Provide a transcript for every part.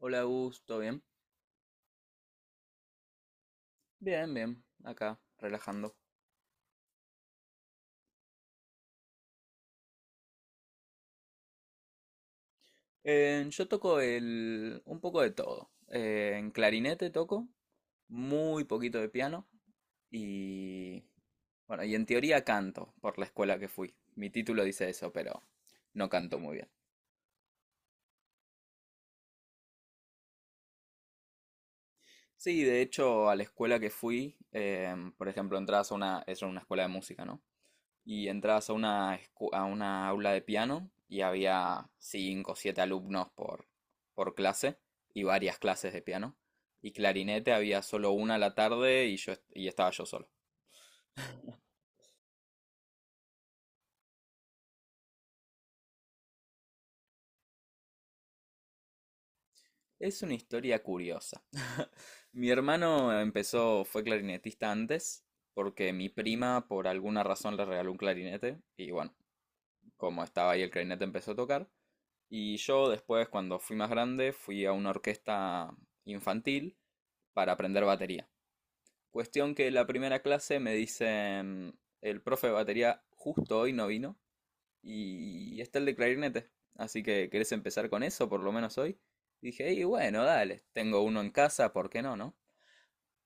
Hola, Gus, ¿todo bien? Bien, bien, acá, relajando. Yo toco un poco de todo. En clarinete toco, muy poquito de piano y, bueno, y en teoría canto por la escuela que fui. Mi título dice eso, pero no canto muy bien. Sí, de hecho, a la escuela que fui, por ejemplo, entras a una, es una escuela de música, ¿no? Y entrabas a una, a una aula de piano y había 5 o 7 alumnos por clase y varias clases de piano. Y clarinete había solo una a la tarde y y estaba yo solo. Es una historia curiosa. Mi hermano empezó, fue clarinetista antes, porque mi prima por alguna razón le regaló un clarinete y bueno, como estaba ahí el clarinete empezó a tocar. Y yo después, cuando fui más grande, fui a una orquesta infantil para aprender batería. Cuestión que la primera clase me dicen, el profe de batería justo hoy no vino y está el de clarinete. Así que, ¿querés empezar con eso por lo menos hoy? Dije, y bueno, dale, tengo uno en casa, ¿por qué no, no?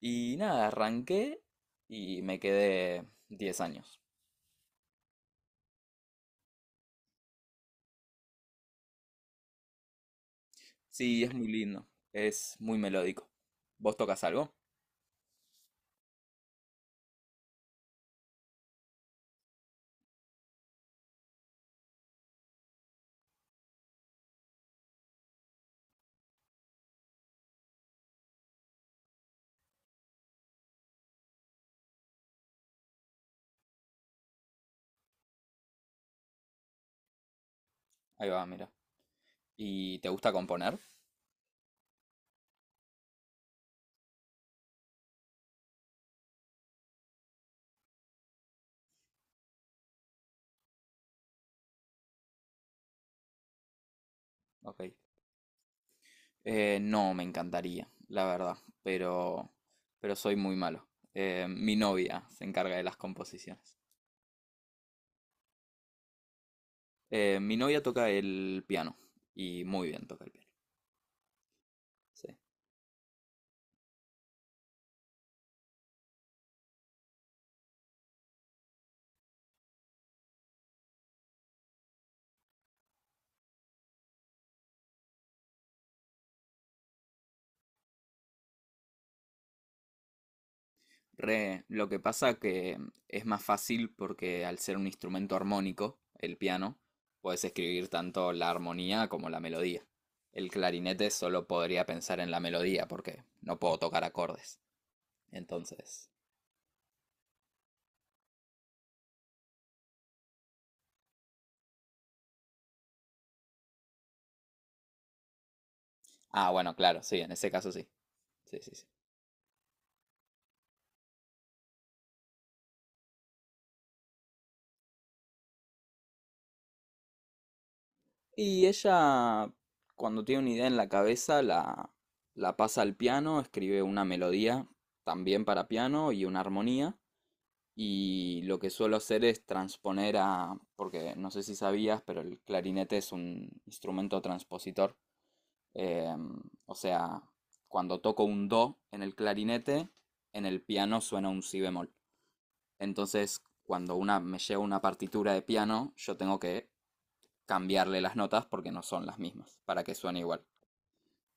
Y nada, arranqué y me quedé 10 años. Sí, es muy lindo, es muy melódico. ¿Vos tocas algo? Ahí va, mira. ¿Y te gusta componer? Ok. No, me encantaría, la verdad, pero, pero soy muy malo. Mi novia se encarga de las composiciones. Mi novia toca el piano y muy bien toca el piano. Sí. Lo que pasa que es más fácil porque al ser un instrumento armónico, el piano, puedes escribir tanto la armonía como la melodía. El clarinete solo podría pensar en la melodía porque no puedo tocar acordes. Entonces… Ah, bueno, claro, sí, en ese caso sí. Sí, sí, sí. Y ella, cuando tiene una idea en la cabeza, la pasa al piano, escribe una melodía también para piano y una armonía. Y lo que suelo hacer es transponer a, porque no sé si sabías, pero el clarinete es un instrumento transpositor. Eh, o sea, cuando toco un do en el clarinete, en el piano suena un si bemol. Entonces, cuando una me llega una partitura de piano, yo tengo que cambiarle las notas porque no son las mismas, para que suene igual.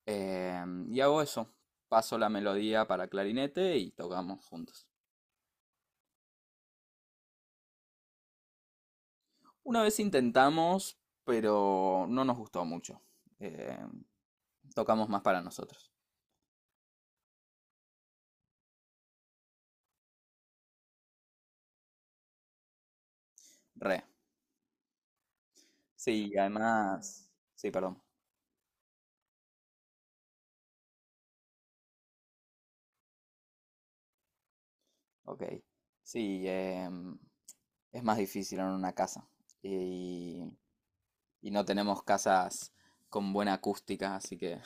Eh, y hago eso, paso la melodía para clarinete y tocamos juntos. Una vez intentamos, pero no nos gustó mucho. Eh, tocamos más para nosotros. Re. Sí, además… Sí, perdón. Ok. Sí, es más difícil en una casa. Y, y no tenemos casas con buena acústica, así que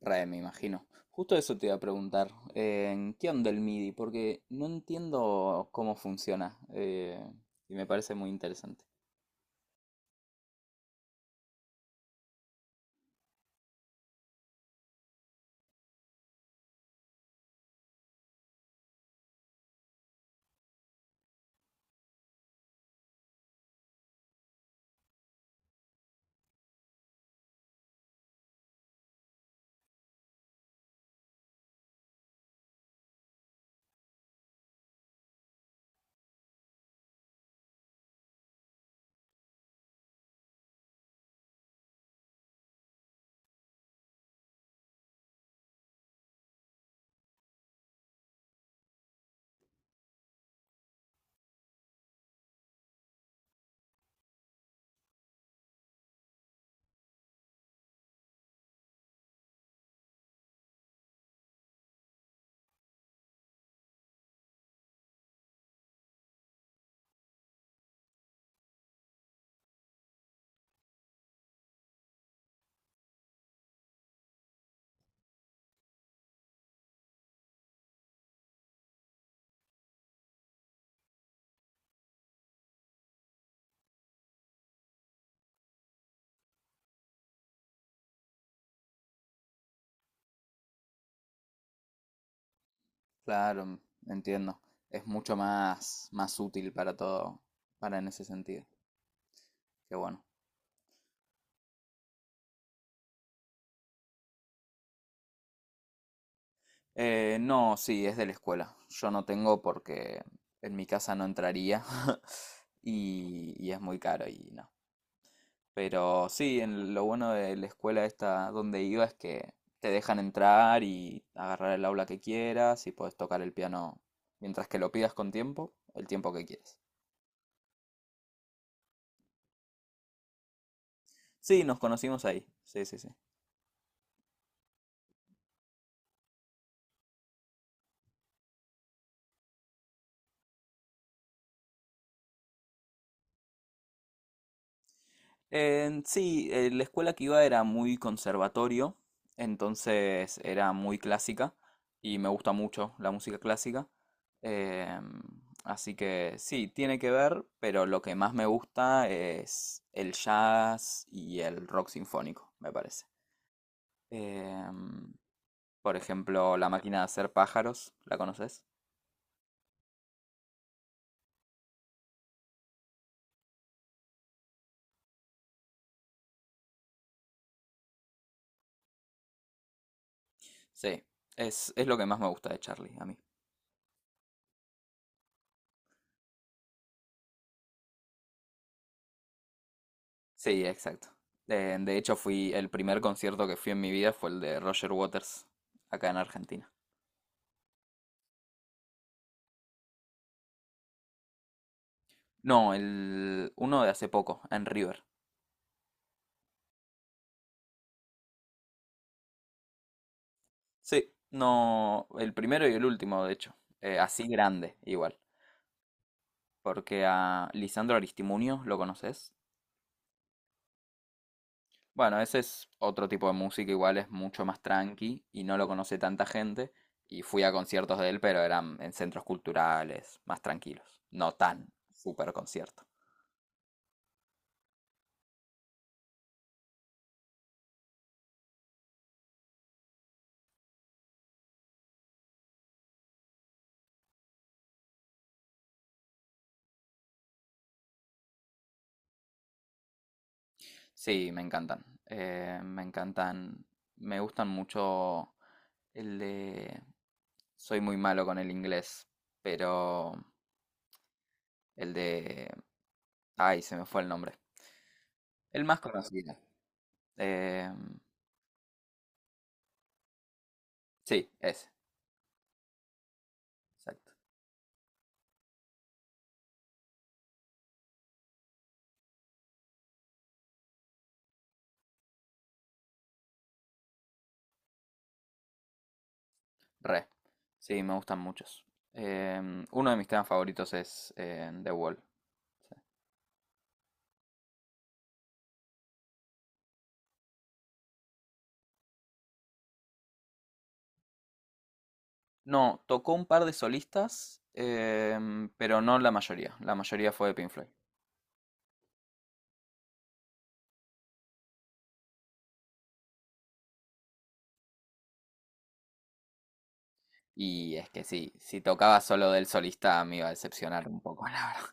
re, me imagino. Justo eso te iba a preguntar. ¿Qué onda el MIDI? Porque no entiendo cómo funciona. Y me parece muy interesante. Claro, entiendo. Es mucho más, más útil para todo, para en ese sentido. Qué bueno. No, sí, es de la escuela. Yo no tengo porque en mi casa no entraría. Y, y es muy caro y no. Pero sí, en lo bueno de la escuela esta donde iba es que te dejan entrar y agarrar el aula que quieras y puedes tocar el piano mientras que lo pidas con tiempo, el tiempo que quieras. Sí, nos conocimos ahí. Sí, sí, sí. En sí, la escuela que iba era muy conservatorio, entonces era muy clásica y me gusta mucho la música clásica. em, Así que sí, tiene que ver, pero lo que más me gusta es el jazz y el rock sinfónico, me parece. Em, por ejemplo, La máquina de hacer pájaros, ¿la conoces? Sí, es lo que más me gusta de Charlie, a mí. Sí, exacto. De hecho, fui, el primer concierto que fui en mi vida fue el de Roger Waters, acá en Argentina. No, el uno de hace poco, en River. Sí, no, el primero y el último, de hecho. Así grande, igual. Porque a Lisandro Aristimuño, ¿lo conoces? Bueno, ese es otro tipo de música, igual es mucho más tranqui y no lo conoce tanta gente. Y fui a conciertos de él, pero eran en centros culturales, más tranquilos. No tan super concierto. Sí, me encantan. Me encantan. Me gustan mucho el de… Soy muy malo con el inglés, pero el de… Ay, se me fue el nombre. El más conocido. Eh, sí, ese. Exacto. Re. Sí, me gustan muchos. Uno de mis temas favoritos es The Wall. Sí. No, tocó un par de solistas, pero no la mayoría. La mayoría fue de Pink Floyd. Y es que sí, si tocaba solo del solista me iba a decepcionar un poco, la verdad.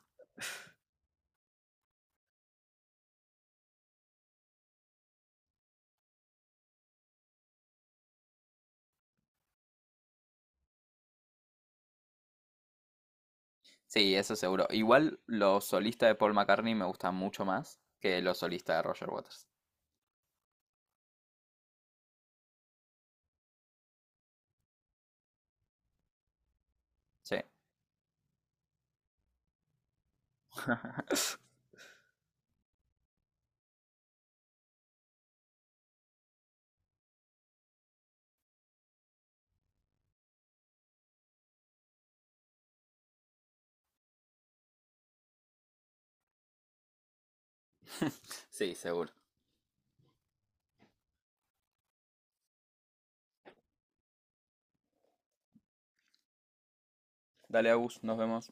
Sí, eso seguro. Igual los solistas de Paul McCartney me gustan mucho más que los solistas de Roger Waters. Sí. Sí, seguro. Dale, Agus, nos vemos.